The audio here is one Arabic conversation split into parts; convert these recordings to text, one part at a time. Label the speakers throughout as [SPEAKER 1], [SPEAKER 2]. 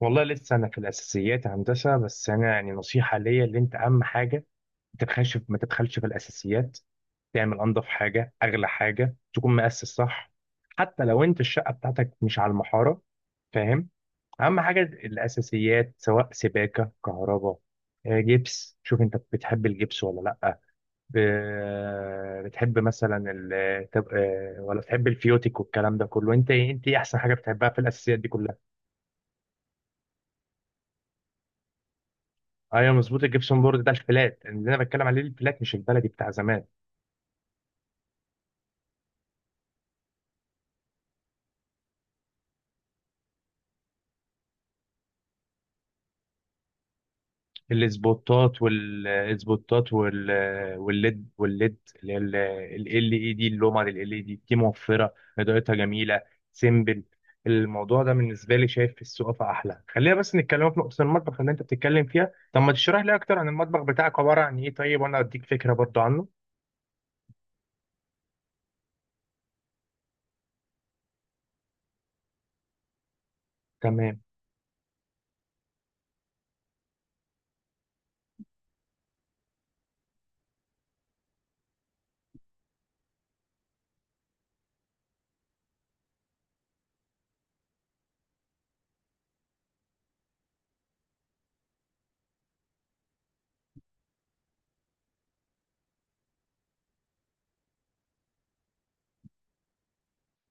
[SPEAKER 1] والله لسه انا في الاساسيات هندسه، بس انا يعني نصيحه ليا اللي انت: اهم حاجه ما تبخلش ما تبخلش في الاساسيات. تعمل انضف حاجه اغلى حاجه، تكون مؤسس صح، حتى لو انت الشقه بتاعتك مش على المحاره، فاهم؟ اهم حاجه الاساسيات، سواء سباكه كهرباء. جبس. شوف انت بتحب الجبس ولا لا؟ بتحب مثلا ال... تب- آه، ولا بتحب الفيوتيك والكلام ده كله؟ انت ايه احسن حاجه بتحبها في الاساسيات دي كلها؟ ايوه مظبوط، الجبسون بورد ده الفلات اللي انا بتكلم عليه، الفلات مش البلدي بتاع زمان. الاسبوتات والليد، اللي هي ال اي دي، اللومه لل اي دي دي موفره، اضاءتها جميله، سيمبل. الموضوع ده بالنسبه لي شايف في السقف احلى. خلينا بس نتكلم في نقطه المطبخ اللي انت بتتكلم فيها. طب ما تشرح لي اكتر عن المطبخ بتاعك عباره عن ايه، طيب، وانا اديك فكره برضو عنه. تمام.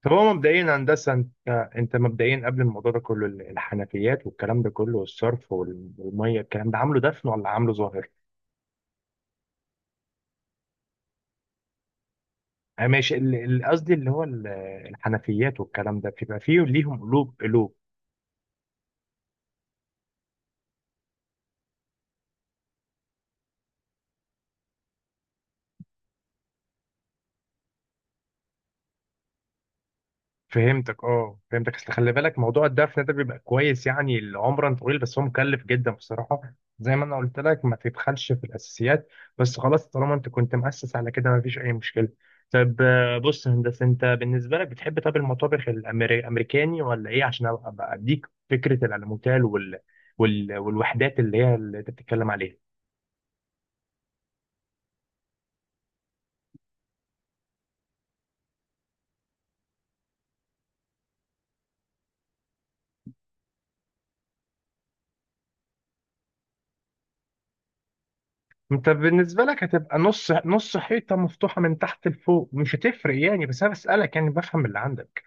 [SPEAKER 1] طب هو مبدئيا هندسه، انت انت مبدئيا قبل الموضوع ده كله الحنفيات والكلام ده كله، والصرف والميه، الكلام ده عامله دفن ولا عامله ظاهر؟ ماشي. قصدي اللي هو الحنفيات والكلام ده بيبقى فيه ليهم قلوب قلوب؟ فهمتك، اه، فهمتك. اصل خلي بالك موضوع الدفن ده بيبقى كويس يعني لعمرا طويل، بس هو مكلف جدا بصراحه. زي ما انا قلت لك، ما تبخلش في الاساسيات. بس خلاص، طالما انت كنت مؤسس على كده ما فيش اي مشكله. طب بص يا هندسه، انت بالنسبه لك بتحب طب المطابخ الامريكاني ولا ايه، عشان أبقى اديك فكره الالموتال والوحدات اللي هي اللي انت بتتكلم عليها؟ انت بالنسبه لك هتبقى نص نص، حيطه مفتوحه من تحت لفوق، مش هتفرق يعني، بس انا بسالك يعني بفهم اللي عندك.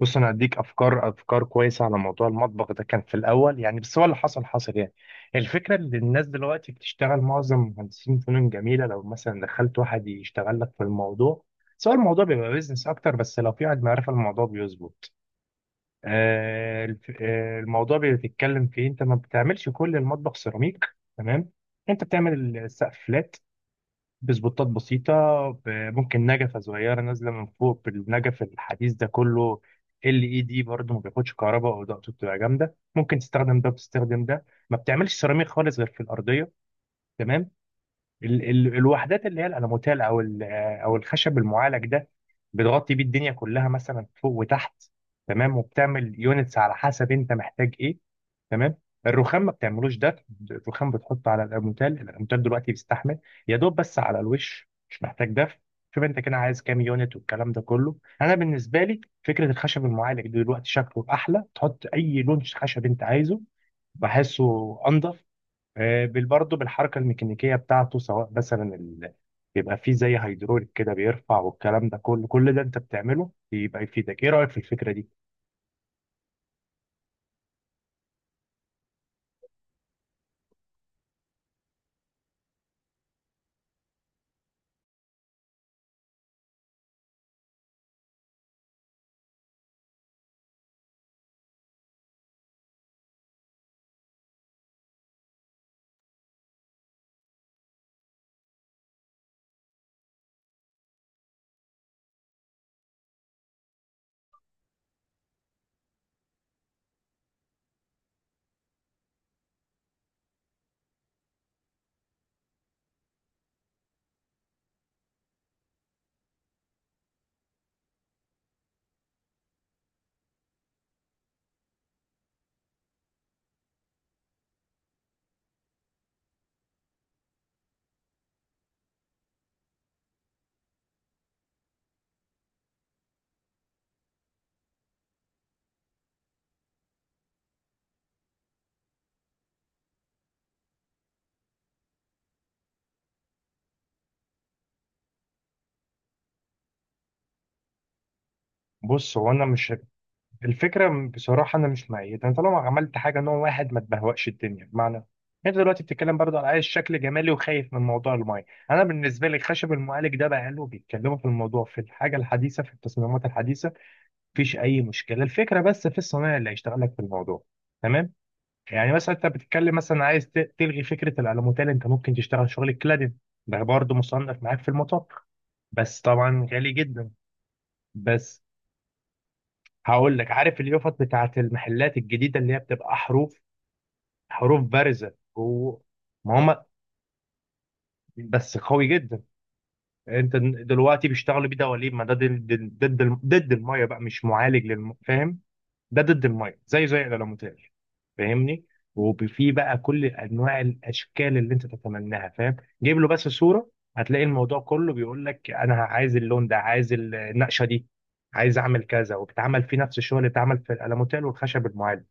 [SPEAKER 1] بص انا هديك افكار كويسه على موضوع المطبخ ده، كان في الاول يعني، بس هو اللي حصل حصل يعني. الفكره ان الناس دلوقتي بتشتغل معظم مهندسين فنون جميله، لو مثلا دخلت واحد يشتغل لك في الموضوع، سواء الموضوع بيبقى بيزنس اكتر، بس لو في واحد معرفه الموضوع بيظبط. الموضوع بيتكلم في إيه؟ انت ما بتعملش كل المطبخ سيراميك، تمام؟ انت بتعمل السقف فلات بسبوتات بسيطة، ب- ممكن نجفة صغيرة نازلة من فوق، بالنجف الحديث ده كله. ال اي دي برضه ما بياخدش كهرباء، او ضغطه بتبقى جامدة، ممكن تستخدم ده وتستخدم ده. ما بتعملش سيراميك خالص غير في الأرضية، تمام؟ ال ال الوحدات اللي هي الالموتال او او الخشب المعالج ده، بتغطي بيه الدنيا كلها مثلا فوق وتحت، تمام. وبتعمل يونتس على حسب انت محتاج ايه، تمام؟ الرخام ما بتعملوش ده، الرخام بتحطه على الالموتال، الالموتال دلوقتي بيستحمل. يا دوب بس على الوش، مش محتاج دفع. شوف انت كده عايز كام يونت والكلام ده كله. انا بالنسبه لي فكره الخشب المعالج دلوقتي شكله احلى، تحط اي لون خشب انت عايزه، بحسه انضف. برضه بالحركة الميكانيكية بتاعته، سواء مثلا بيبقى فيه زي هيدروليك كده بيرفع، والكلام ده كله. كل ده انت بتعمله بيبقى يفيدك. ايه رأيك في الفكرة دي؟ بص هو انا مش الفكرة بصراحة انا مش مؤيدها. انت لو عملت حاجة نوع واحد ما تبهوأش الدنيا. بمعنى، انت دلوقتي بتتكلم برضه على عايز شكل جمالي، وخايف من موضوع المايه. انا بالنسبه لي خشب المعالج ده بقى له بيتكلموا في الموضوع، في الحاجه الحديثه في التصميمات الحديثه، مفيش اي مشكله. الفكره بس في الصنايعي اللي هيشتغل لك في الموضوع، تمام؟ يعني مثلا انت بتتكلم مثلا عايز تلغي فكره الالوميتال، انت ممكن تشتغل شغل الكلادين. ده برضه مصنف معاك في المطاق، بس طبعا غالي جدا. بس هقول لك: عارف اليافط بتاعت المحلات الجديده اللي هي بتبقى حروف، حروف بارزه جوه؟ ما هم بس قوي جدا. انت دلوقتي بيشتغلوا بيه دواليب، ما ده ضد الميه بقى، مش معالج فاهم؟ ده ضد الميه، زي الالوميتاج، فاهمني؟ وفي بقى كل انواع الاشكال اللي انت تتمناها، فاهم؟ جيب له بس صوره، هتلاقي الموضوع كله بيقول لك: انا عايز اللون ده، عايز النقشه دي، عايز اعمل كذا، وبتعمل فيه نفس الشغل اللي اتعمل في الالوميتال والخشب المعالج.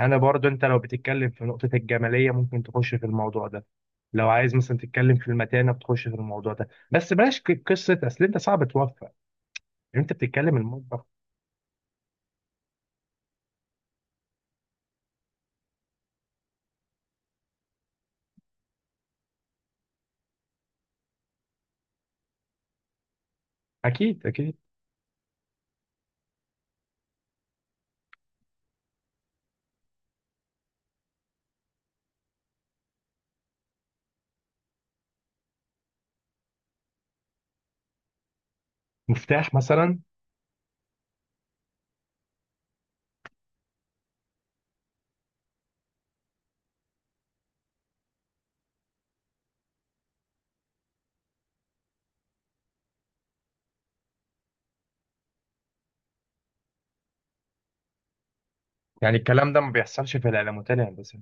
[SPEAKER 1] انا برضو، انت لو بتتكلم في نقطه الجماليه ممكن تخش في الموضوع ده. لو عايز مثلا تتكلم في المتانه بتخش في الموضوع ده، بس بلاش قصه، اصل انت صعب توفق يعني، انت بتتكلم المطبخ. اكيد اكيد. مفتاح مثلا. يعني الكلام ده ما بيحصلش في العلامات الهندسية.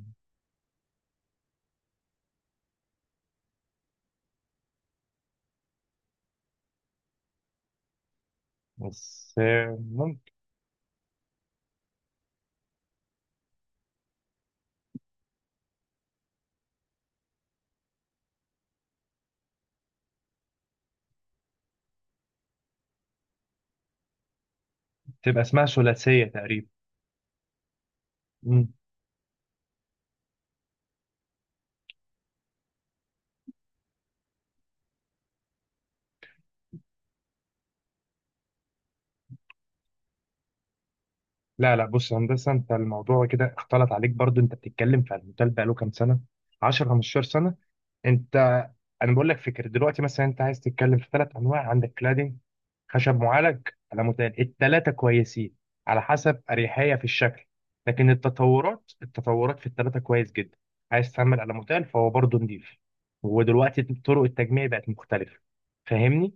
[SPEAKER 1] بس ممكن. تبقى اسمها ثلاثية تقريبا. مم. لا لا، بص يا هندسة، انت الموضوع كده اختلط عليك برضو. انت بتتكلم في الموتيل بقاله كام سنة، 10 15 سنة انت. انا بقول لك فكر دلوقتي، مثلا انت عايز تتكلم في ثلاث انواع: عندك كلادنج، خشب معالج، على متقال. الثلاثه كويسين على حسب اريحيه في الشكل، لكن التطورات في الثلاثه كويس جدا. عايز تعمل على موتيل، فهو برضه نضيف. ودلوقتي طرق التجميع بقت مختلفه، فاهمني؟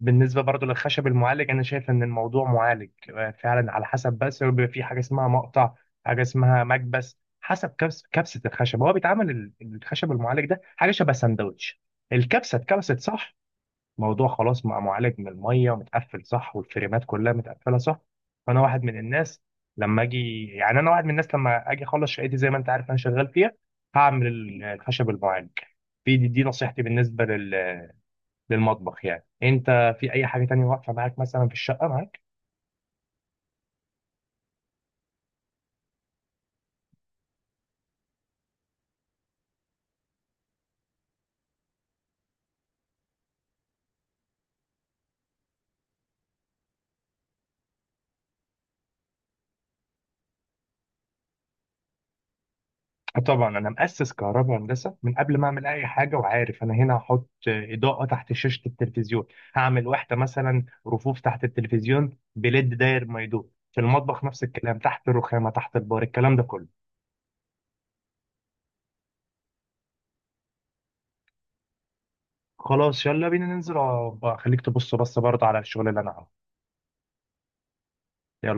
[SPEAKER 1] بالنسبه برضه للخشب المعالج، انا شايف ان الموضوع معالج فعلا على حسب، بس بيبقى في حاجه اسمها مقطع، حاجه اسمها مكبس، حسب كبس كبسه الخشب. هو بيتعمل الخشب المعالج ده حاجه شبه سندوتش، الكبسه اتكبست صح، موضوع خلاص مع معالج من الميه ومتقفل صح، والفريمات كلها متقفله صح. فانا واحد من الناس لما اجي، يعني انا واحد من الناس لما اجي اخلص شقتي، زي ما انت عارف انا شغال فيها، هعمل الخشب المعالج في دي, نصيحتي بالنسبه للمطبخ، يعني انت في اي حاجه تانية واقفه معاك مثلا في الشقه معاك؟ آه طبعا، انا مؤسس كهرباء هندسه من قبل ما اعمل اي حاجه، وعارف انا هنا هحط اضاءه تحت شاشه التلفزيون، هعمل واحده مثلا رفوف تحت التلفزيون بليد داير ما يدور في المطبخ، نفس الكلام تحت الرخامه تحت البار، الكلام ده كله. خلاص، يلا بينا ننزل، بقى خليك تبص بس برضه على الشغل اللي انا عامله. يلا.